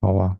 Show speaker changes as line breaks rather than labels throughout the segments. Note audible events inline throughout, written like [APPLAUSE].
好吧，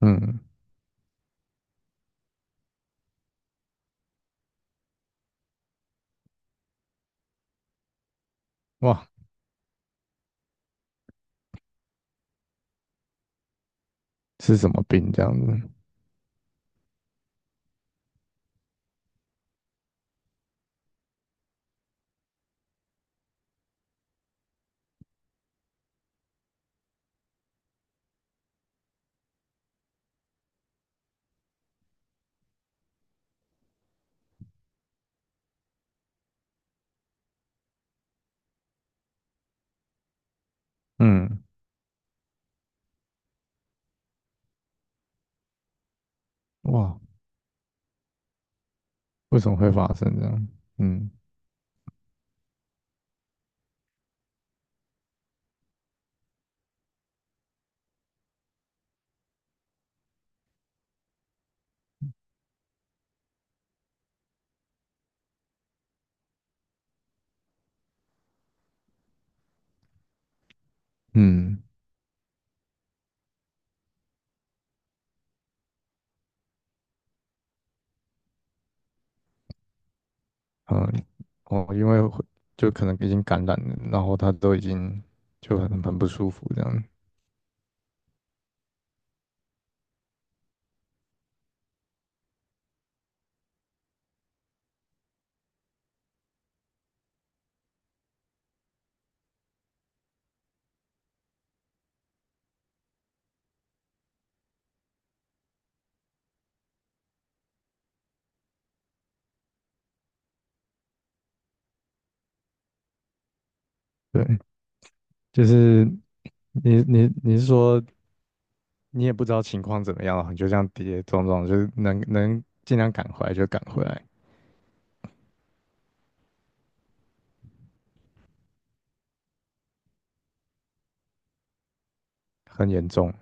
嗯，哇，是什么病这样子？嗯，哇，为什么会发生这样？嗯嗯嗯，哦，因为会就可能已经感染了，然后他都已经就很不舒服这样。对，就是你是说你也不知道情况怎么样，你就这样跌跌撞撞，就是能尽量赶回来就赶回来，很严重，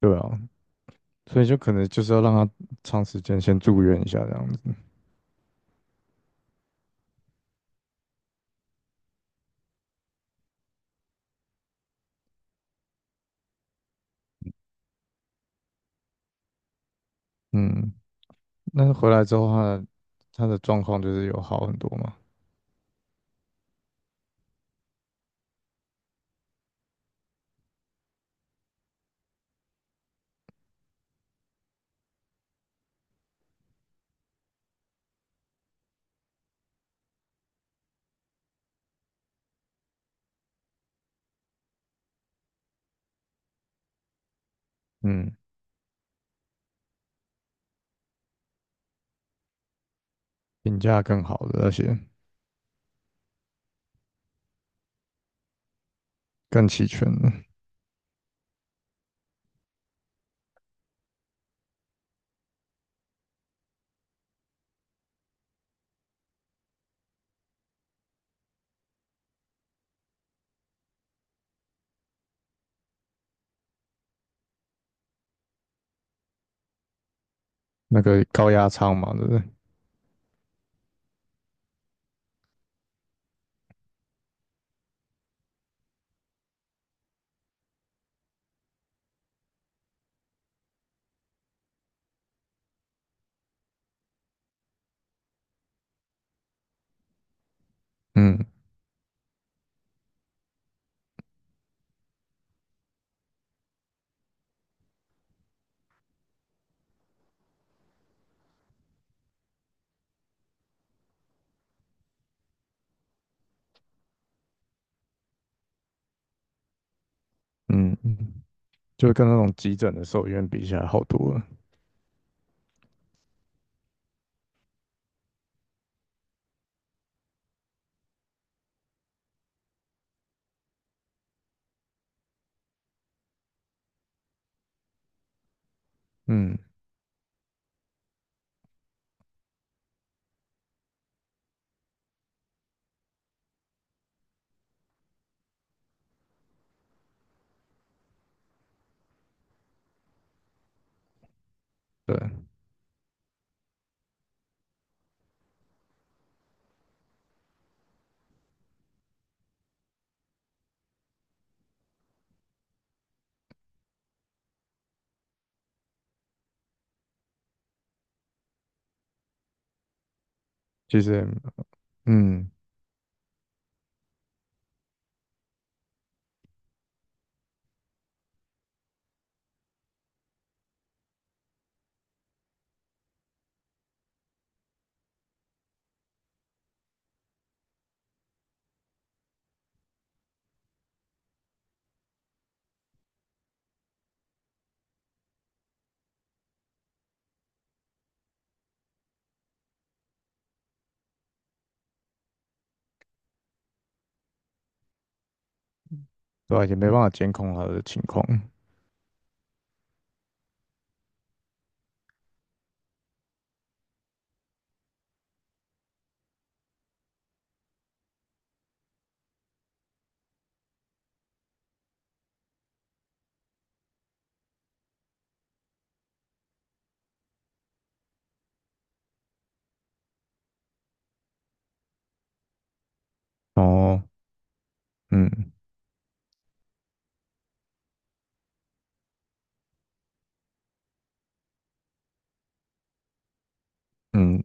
对啊，所以就可能就是要让他长时间先住院一下这样子。嗯，那回来之后他的状况就是有好很多嘛，嗯，评价更好的那些更齐全的那个高压舱嘛，对不对？嗯嗯嗯，就跟那种急诊的兽医院比起来好多了。嗯，对，其实也嗯对啊，也没办法监控他的情况，哦，嗯嗯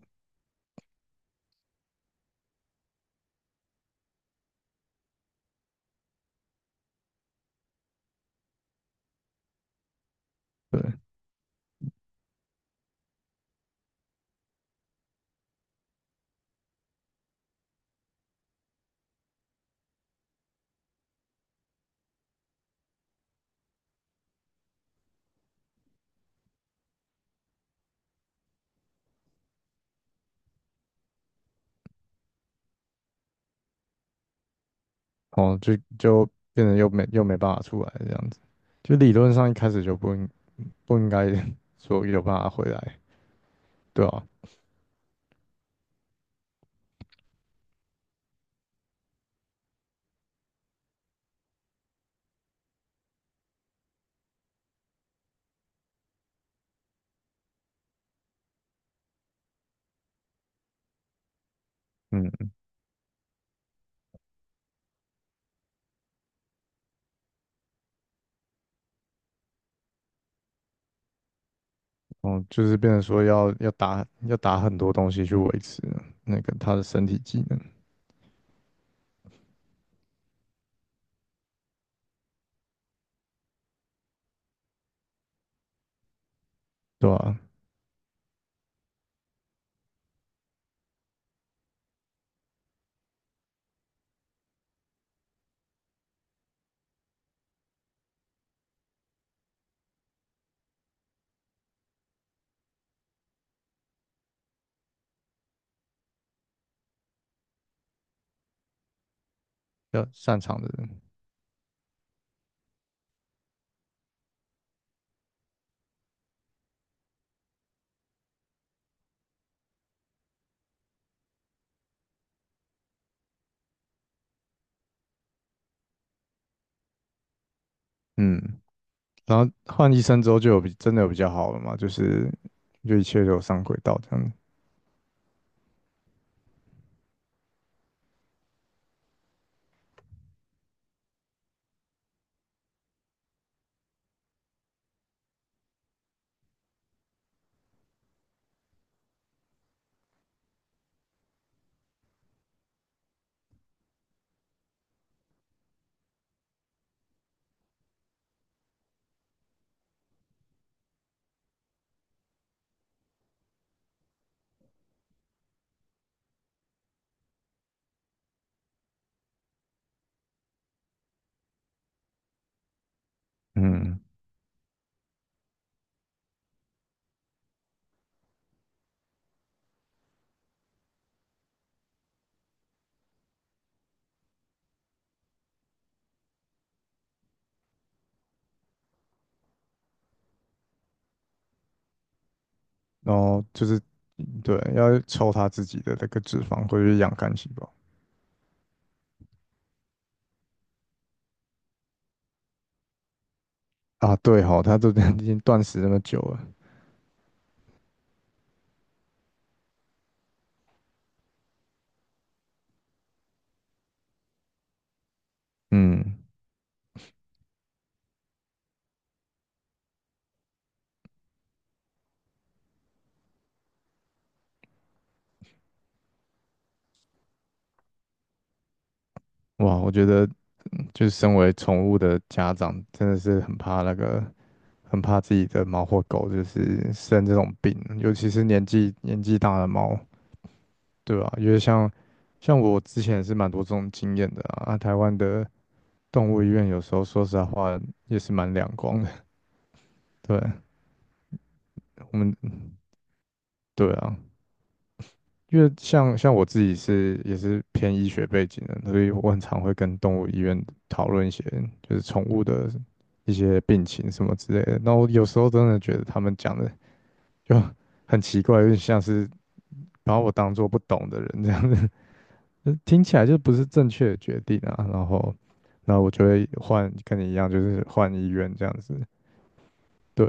对，哦，就变成又没办法出来这样子，就理论上一开始就不应该 [LAUGHS] 说有办法回来，对啊，嗯，哦，就是变成说要打很多东西去维持那个他的身体机能，对吧、要擅长的人，嗯，然后换医生之后就真的有比较好了嘛，就是就一切都有上轨道这样子嗯。然后就是对，要抽他自己的那个脂肪或者是养肝细胞啊。对哈、他都 [LAUGHS] 已经断食那么久了，嗯，哇，我觉得就是身为宠物的家长，真的是很怕那个，很怕自己的猫或狗就是生这种病，尤其是年纪大的猫，对吧、因为像我之前也是蛮多这种经验的啊，啊台湾的动物医院有时候说实在话也是蛮两光的，[LAUGHS] 对我们对啊。因为像我自己也是偏医学背景的，所以我很常会跟动物医院讨论一些就是宠物的一些病情什么之类的。那我有时候真的觉得他们讲的就很奇怪，有点像是把我当做不懂的人这样子，[LAUGHS] 就听起来就不是正确的决定啊。然后，那我就会换跟你一样，就是换医院这样子。对，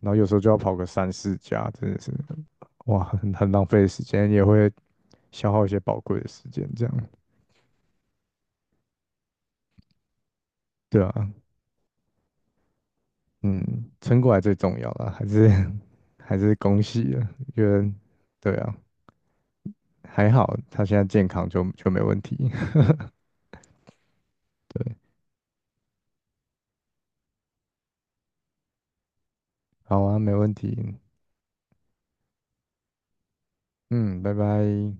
然后有时候就要跑个三四家，真的是哇，很浪费时间，也会消耗一些宝贵的时间这样。对啊，嗯，撑过来最重要了，还是 [LAUGHS] 还是恭喜啊！觉得对啊，还好他现在健康就没问题，[LAUGHS] 对，好啊，没问题，嗯，拜拜。